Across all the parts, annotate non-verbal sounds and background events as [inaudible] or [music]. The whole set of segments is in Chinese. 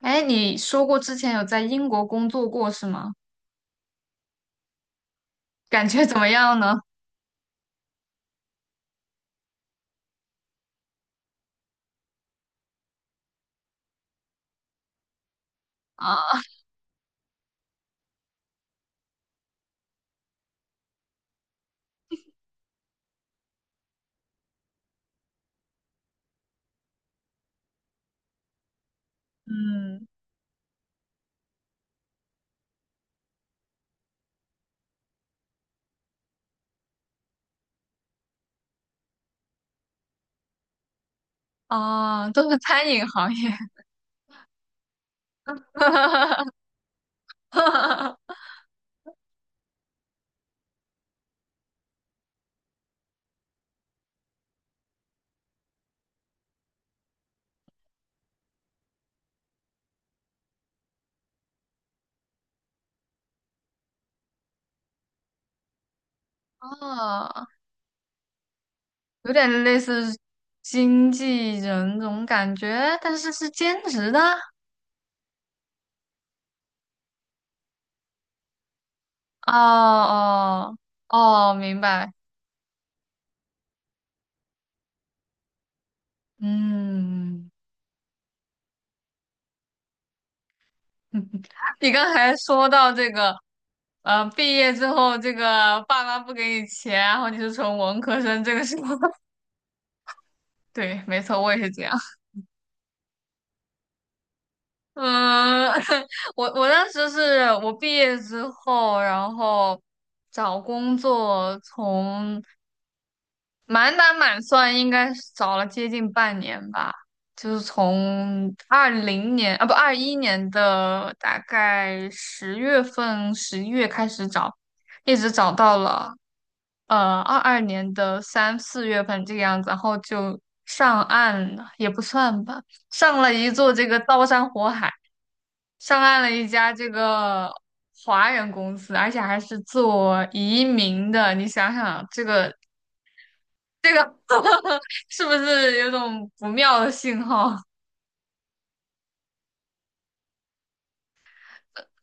哎，你说过之前有在英国工作过是吗？感觉怎么样呢？啊，嗯，啊，都是餐饮行业。[laughs] 啊，有点类似经纪人这种感觉，但是是兼职的。哦哦哦，明白。嗯，[laughs] 你刚才说到这个，毕业之后这个爸妈不给你钱，然后你是从文科生，这个是吗？[laughs] 对，没错，我也是这样。嗯，[laughs] 我当时是我毕业之后，然后找工作从满打满算应该是找了接近半年吧，就是从20年啊不21年的大概10月份11月开始找，一直找到了22年的三四月份这个样子，然后就上岸了，也不算吧，上了一座这个刀山火海。上岸了一家这个华人公司，而且还是做移民的。你想想，这个 [laughs] 是不是有种不妙的信号？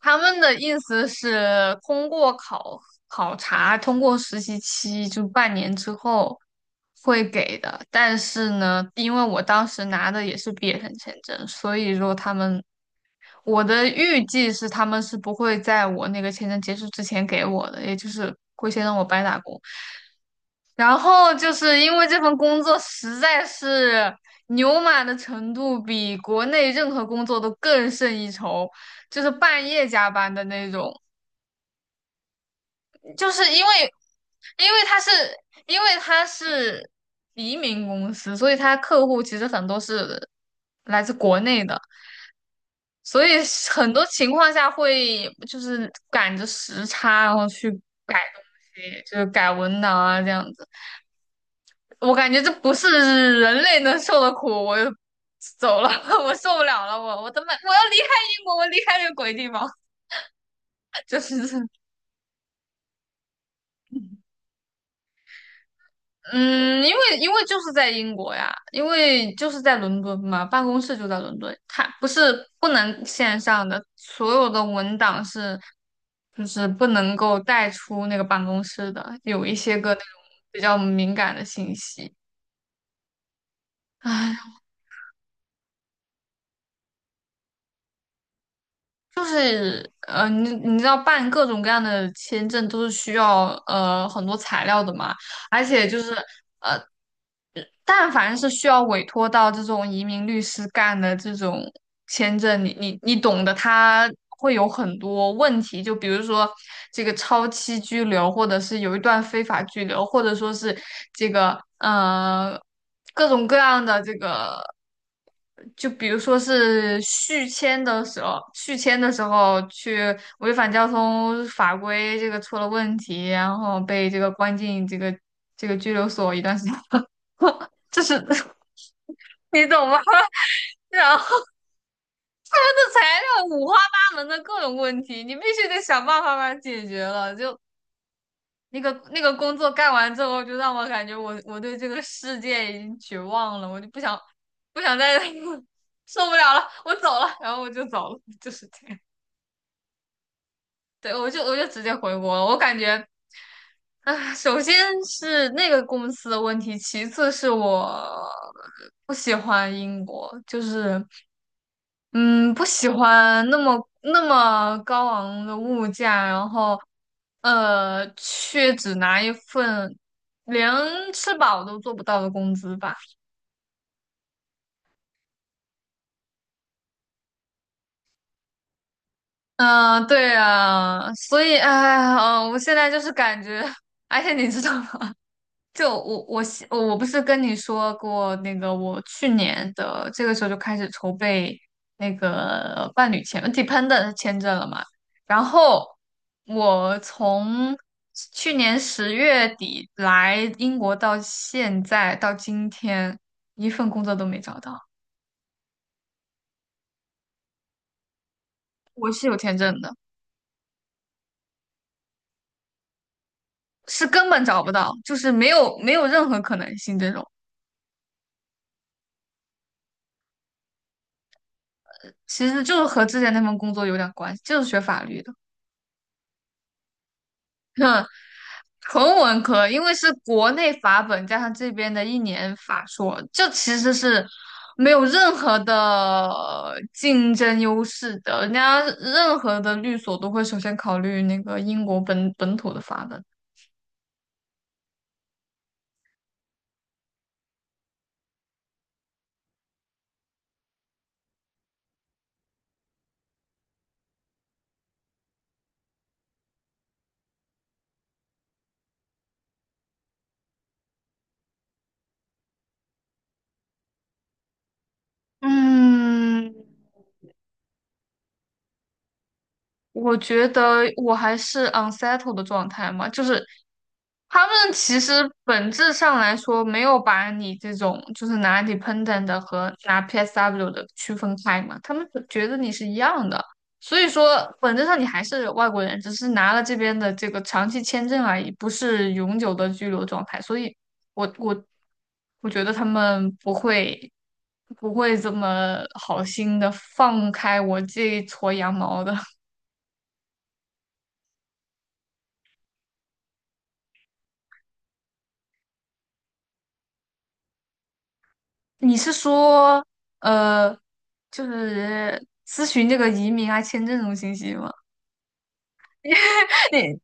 他们的意思是通过考察，通过实习期就半年之后会给的。但是呢，因为我当时拿的也是毕业生签证，所以说他们，我的预计是他们是不会在我那个签证结束之前给我的，也就是会先让我白打工。然后就是因为这份工作实在是牛马的程度比国内任何工作都更胜一筹，就是半夜加班的那种。就是因为，因为他是，因为他是移民公司，所以他客户其实很多是来自国内的，所以很多情况下会就是赶着时差，然后去改东西，就是改文档啊这样子。我感觉这不是人类能受的苦，我就走了，[laughs] 我受不了了，我他妈我要离开英国，我离开这个鬼地方。[laughs] 就是。嗯，因为就是在英国呀，因为就是在伦敦嘛，办公室就在伦敦，它不是不能线上的，所有的文档是就是不能够带出那个办公室的，有一些个那种比较敏感的信息。唉，就是你知道办各种各样的签证都是需要很多材料的嘛，而且就是。但凡是需要委托到这种移民律师干的这种签证，你懂的，他会有很多问题，就比如说这个超期拘留，或者是有一段非法拘留，或者说是这个各种各样的这个，就比如说是续签的时候，续签的时候去违反交通法规，这个出了问题，然后被这个关进这个拘留所一段时间。就是 [laughs] 你懂吗？[laughs] 然后的材料五花八门的各种问题，你必须得想办法把它解决了。就那个那个工作干完之后，就让我感觉我对这个世界已经绝望了，我就不想再 [laughs] 受不了了，我走了，然后我就走了，就是这样。对，我就直接回国了。我感觉，啊，首先是那个公司的问题，其次是我不喜欢英国，就是嗯，不喜欢那么那么高昂的物价，然后，呃，却只拿一份连吃饱都做不到的工资吧。嗯、对啊，所以，哎呀，嗯、我现在就是感觉。[laughs] 而且你知道吗？就我不是跟你说过那个，我去年的这个时候就开始筹备那个伴侣签呃 dependent 签证了嘛。然后我从去年十月底来英国到现在到今天，一份工作都没找到。我是有签证的，是根本找不到，就是没有没有任何可能性这种。其实就是和之前那份工作有点关系，就是学法律的。嗯。纯文科，因为是国内法本加上这边的1年法硕，这其实是没有任何的竞争优势的。人家任何的律所都会首先考虑那个英国本土的法本。嗯，我觉得我还是 unsettled 的状态嘛，就是他们其实本质上来说没有把你这种就是拿 dependent 的和拿 PSW 的区分开嘛，他们觉得你是一样的，所以说本质上你还是外国人，只是拿了这边的这个长期签证而已，不是永久的居留状态，所以我我我觉得他们不会不会这么好心的放开我这一撮羊毛的。你是说，呃，就是咨询这个移民啊、签证这种信息吗？你，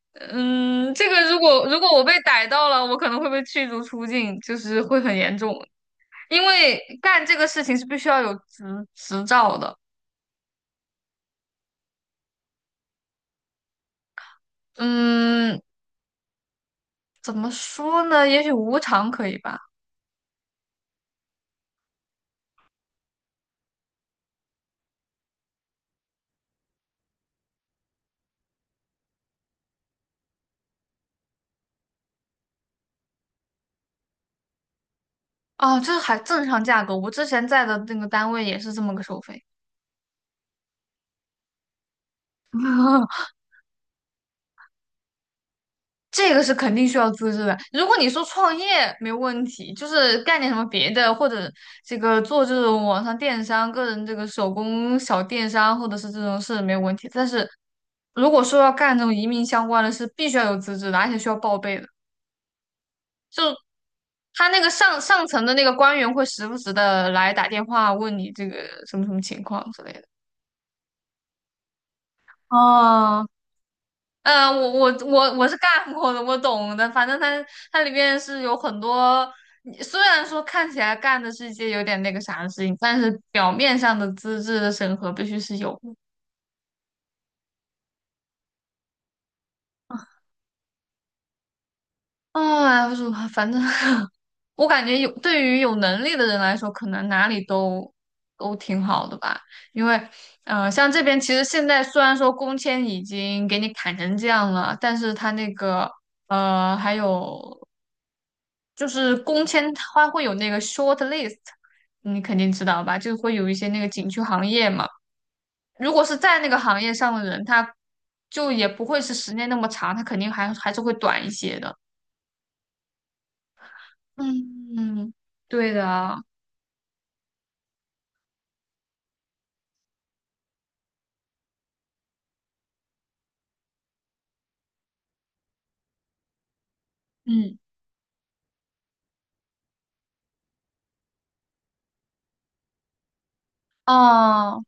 [laughs] 嗯，这个如果如果我被逮到了，我可能会被驱逐出境，就是会很严重，因为干这个事情是必须要有执照的。嗯，怎么说呢？也许无偿可以吧。哦，这还正常价格。我之前在的那个单位也是这么个收费。[laughs] 这个是肯定需要资质的。如果你说创业没问题，就是干点什么别的，或者这个做这种网上电商、个人这个手工小电商，或者是这种是没有问题。但是如果说要干这种移民相关的事，必须要有资质的，而且需要报备的。就他那个上上层的那个官员会时不时的来打电话问你这个什么什么情况之类的。哦，呃，我是干过的，我懂的。反正它里面是有很多，你虽然说看起来干的是一些有点那个啥的事情，但是表面上的资质的审核必须是有的。哎，不是，反正 [laughs] 我感觉有对于有能力的人来说，可能哪里都挺好的吧。因为，呃，像这边其实现在虽然说工签已经给你砍成这样了，但是他那个呃还有。就是工签它会有那个 short list，你肯定知道吧？就会有一些那个景区行业嘛。如果是在那个行业上的人，他就也不会是时间那么长，他肯定还是会短一些的。嗯，嗯，对的，嗯，哦，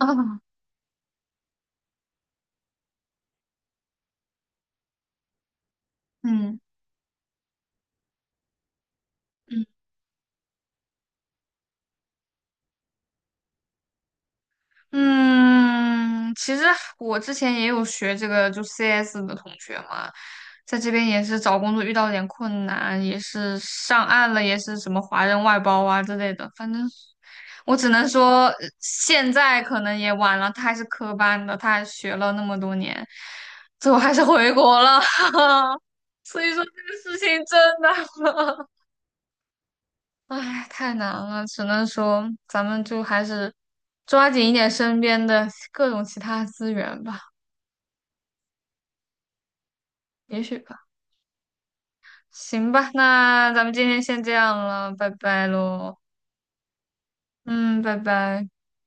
[laughs] 嗯嗯。嗯，其实我之前也有学这个，就 CS 的同学嘛，在这边也是找工作遇到了点困难，也是上岸了，也是什么华人外包啊之类的，反正我只能说呃现在可能也晚了，他还是科班的，他还学了那么多年，最后还是回国了。[laughs] 所以说这个事情真的 [laughs] 唉，太难了，只能说咱们就还是抓紧一点身边的各种其他资源吧，也许吧。行吧，那咱们今天先这样了，拜拜喽。嗯，拜拜。